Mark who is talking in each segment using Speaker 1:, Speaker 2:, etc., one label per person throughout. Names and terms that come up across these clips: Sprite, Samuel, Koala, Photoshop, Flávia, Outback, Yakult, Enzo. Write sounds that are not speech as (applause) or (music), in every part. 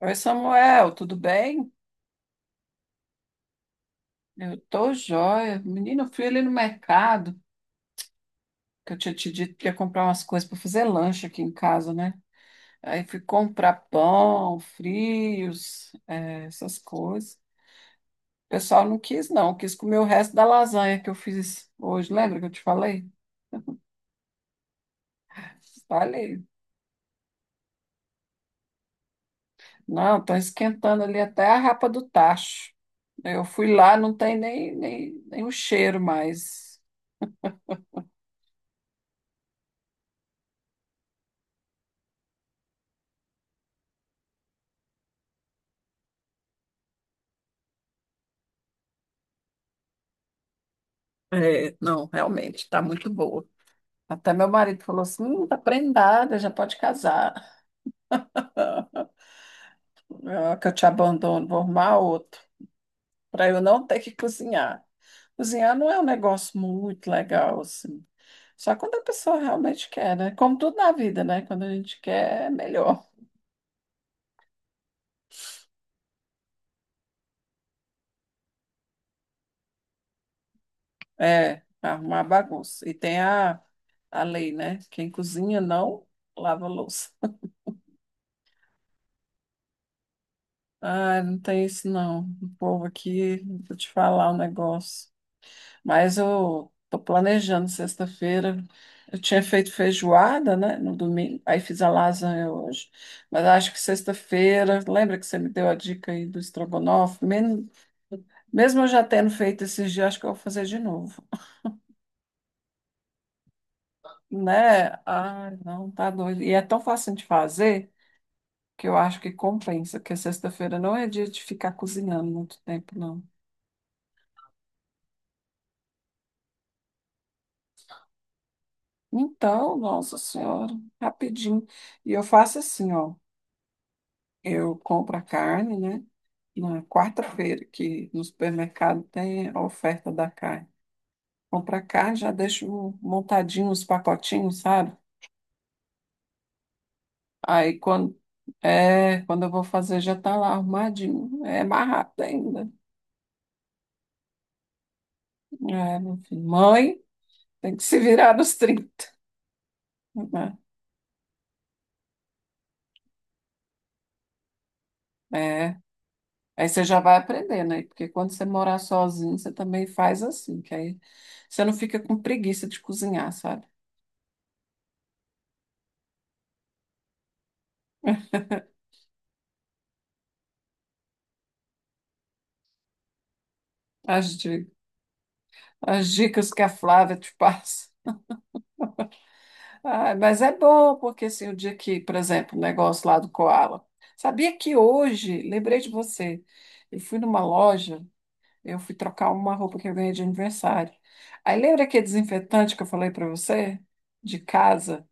Speaker 1: Oi, Samuel, tudo bem? Eu tô jóia. Menino, eu fui ali no mercado, que eu tinha te dito que ia comprar umas coisas para fazer lanche aqui em casa, né? Aí fui comprar pão, frios, essas coisas. O pessoal não quis, não, quis comer o resto da lasanha que eu fiz hoje. Lembra que eu te falei? Falei. Não, estão esquentando ali até a rapa do tacho. Eu fui lá, não tem nem o cheiro mais. É, não, realmente, está muito boa. Até meu marido falou assim: tá prendada, já pode casar. (laughs) Ah, que eu te abandono, vou arrumar outro, para eu não ter que cozinhar. Cozinhar não é um negócio muito legal, assim. Só quando a pessoa realmente quer, né? Como tudo na vida, né? Quando a gente quer, é melhor. É, pra arrumar a bagunça. E tem a lei, né? Quem cozinha não lava a louça. Ah, não tem isso não. O povo aqui, vou te falar um negócio. Mas eu tô planejando sexta-feira. Eu tinha feito feijoada, né, no domingo. Aí fiz a lasanha hoje. Mas acho que sexta-feira, lembra que você me deu a dica aí do estrogonofe? Mesmo eu já tendo feito esses dias, acho que eu vou fazer de novo, né? Ai, não, tá doido. E é tão fácil de fazer, que eu acho que compensa, porque sexta-feira não é dia de ficar cozinhando muito tempo, não. Então, nossa senhora, rapidinho. E eu faço assim, ó, eu compro a carne, né? Na quarta-feira, que no supermercado tem a oferta da carne. Compro a carne, já deixo montadinho os pacotinhos, sabe? Aí quando é, quando eu vou fazer já tá lá arrumadinho. É mais rápido ainda. É, meu filho. Mãe, tem que se virar nos trinta, né? É. Aí você já vai aprender, né? Porque quando você morar sozinho, você também faz assim, que aí você não fica com preguiça de cozinhar, sabe? As, di- As dicas que a Flávia te (laughs) passa. Ah, mas é bom, porque assim, o dia que, por exemplo, o negócio lá do Koala. Sabia que hoje, lembrei de você, eu fui numa loja, eu fui trocar uma roupa que eu ganhei de aniversário. Aí lembra aquele desinfetante que eu falei para você? De casa?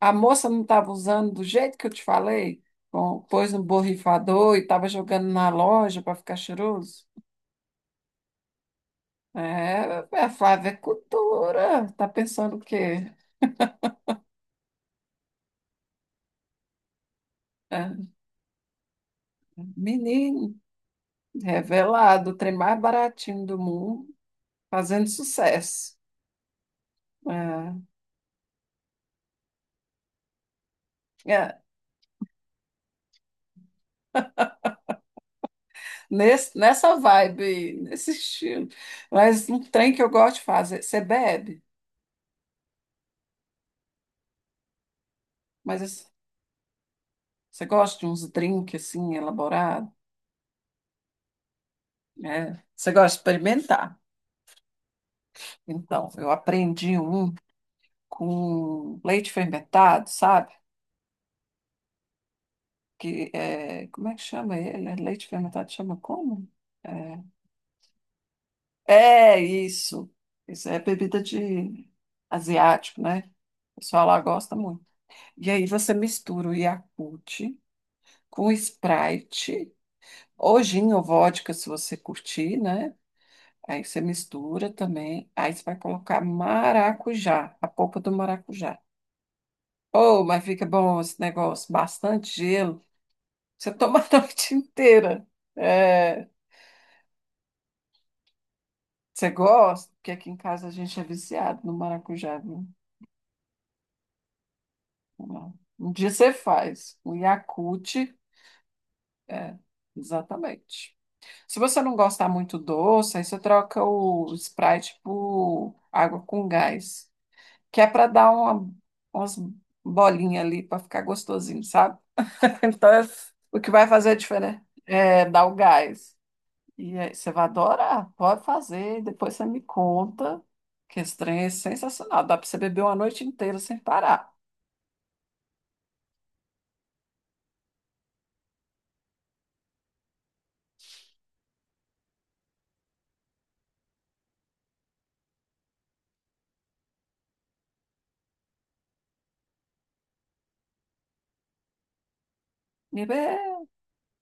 Speaker 1: A moça não estava usando do jeito que eu te falei? Bom, pôs no borrifador e estava jogando na loja para ficar cheiroso? É, a Flávia é cultura. Tá pensando o quê? É, menino, revelado, o trem mais baratinho do mundo, fazendo sucesso. É, é, nessa vibe, nesse estilo. Mas um trem que eu gosto de fazer. Você bebe? Mas você gosta de uns drinks assim, elaborados? É, você gosta de experimentar? Então, eu aprendi um com leite fermentado, sabe? Que é, como é que chama ele? É, leite fermentado chama como? É, é isso. Isso é bebida de asiático, né? O pessoal lá gosta muito. E aí você mistura o Yakult com Sprite, ou gin ou vodka, se você curtir, né? Aí você mistura também. Aí você vai colocar maracujá, a polpa do maracujá. Oh, mas fica bom esse negócio, bastante gelo. Você toma a (laughs) noite inteira. É, você gosta? Porque aqui em casa a gente é viciado no maracujá, viu? Vamos lá. Um dia você faz um Yakult, é, exatamente. Se você não gostar muito doce, aí você troca o Sprite por água com gás, que é para dar uma, umas bolinhas ali para ficar gostosinho, sabe? (laughs) Então, é o que vai fazer a diferença é dar o gás. E aí, você vai adorar, pode fazer, depois você me conta, que esse trem é sensacional, dá para você beber uma noite inteira sem parar. E é-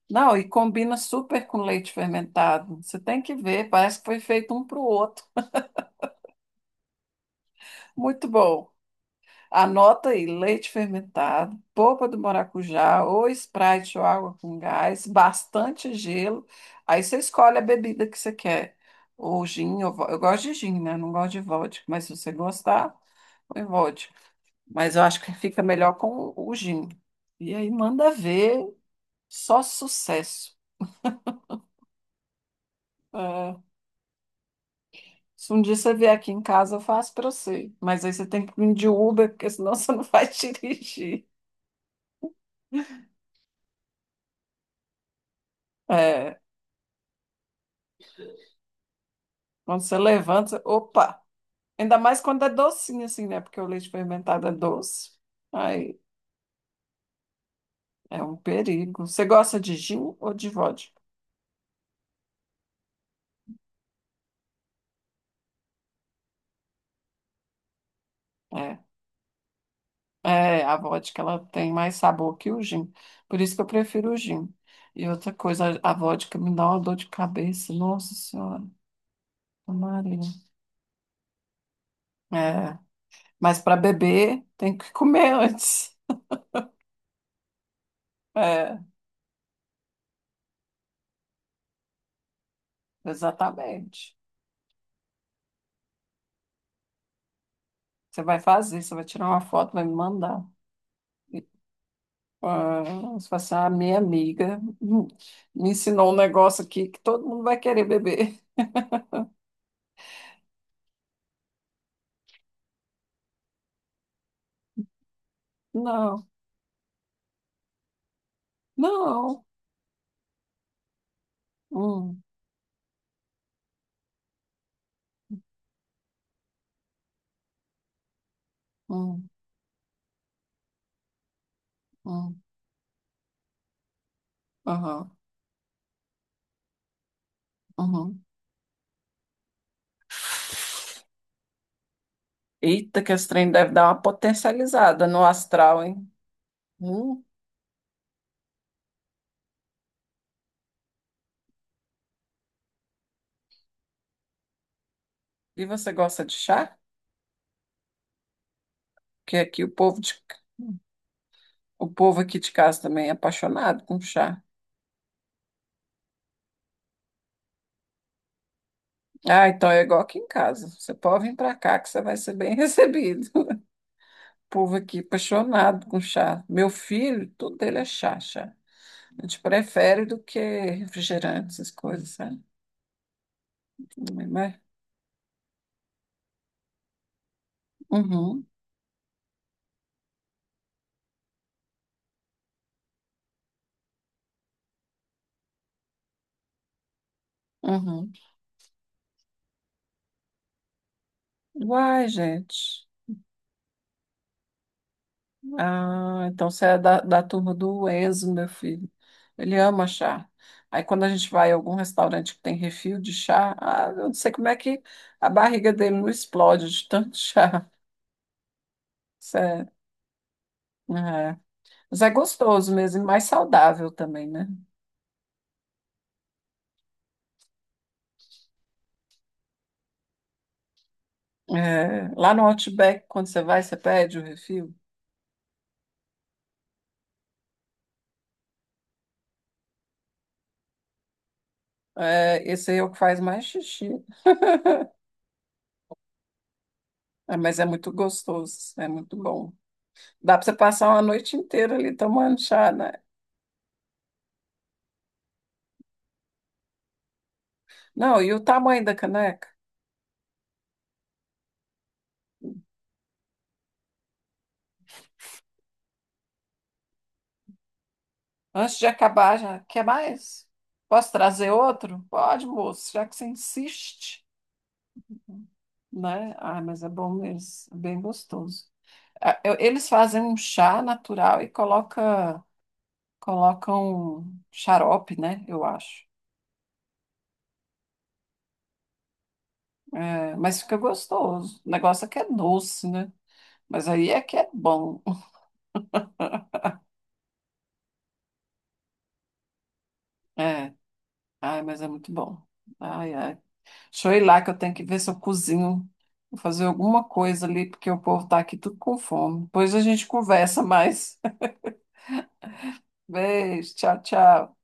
Speaker 1: Não, e combina super com leite fermentado. Você tem que ver, parece que foi feito um para o outro. Muito bom. Anota aí, leite fermentado, polpa do maracujá, ou Sprite ou água com gás, bastante gelo. Aí você escolhe a bebida que você quer. Ou gin, eu gosto de gin, né? Não gosto de vodka, mas se você gostar, põe vodka. Mas eu acho que fica melhor com o gin. E aí manda ver, só sucesso. É, se um dia você vier aqui em casa, eu faço para você. Mas aí você tem que vir de Uber, porque senão (laughs) você não vai dirigir. É, quando você levanta, você- opa! Ainda mais quando é docinho, assim, né? Porque o leite fermentado é doce. Aí é um perigo. Você gosta de gin ou de vodka? É. É, a vodka ela tem mais sabor que o gin. Por isso que eu prefiro o gin. E outra coisa, a vodka me dá uma dor de cabeça. Nossa Senhora, Maria. É, mas para beber tem que comer (laughs) antes. É, exatamente. Você vai fazer, você vai tirar uma foto, vai me mandar. Ah, você fala assim, ah, minha amiga, me ensinou um negócio aqui que todo mundo vai querer beber. (laughs) Não, não. Hum, hum, hum, aham, uhum. Eita, que esse trem deve dar uma potencializada no astral, hein? Hum, E você gosta de chá? Porque aqui o o povo aqui de casa também é apaixonado com chá. Ah, então é igual aqui em casa. Você pode vir para cá que você vai ser bem (laughs) recebido. O povo aqui apaixonado com chá. Meu filho, tudo dele é chá, chá. A gente prefere do que refrigerante, essas coisas, sabe? Mas, uhum, uhum. Uai, gente. Ah, então você é da turma do Enzo, meu filho. Ele ama chá. Aí quando a gente vai a algum restaurante que tem refil de chá, ah, eu não sei como é que a barriga dele não explode de tanto (laughs) chá. Sério. É. É. Mas é gostoso mesmo e mais saudável também, né? É, lá no Outback, quando você vai, você pede o refil. É, esse aí é o que faz mais xixi. É, mas é muito gostoso, é muito bom. Dá para você passar uma noite inteira ali tomando chá, né? Não, e o tamanho da caneca? Antes de acabar, já quer mais? Posso trazer outro? Pode, moço, já que você insiste, né? Ah, mas é bom mesmo, é bem gostoso. Eles fazem um chá natural e colocam xarope, né? Eu acho. É, mas fica gostoso. O negócio é que é doce, né? Mas aí é que é bom. (laughs) É, ai, mas é muito bom. Ai, ai. Deixa eu ir lá que eu tenho que ver se eu cozinho. Vou fazer alguma coisa ali, porque o povo tá aqui tudo com fome. Depois a gente conversa mais. (laughs) Beijo, tchau, tchau.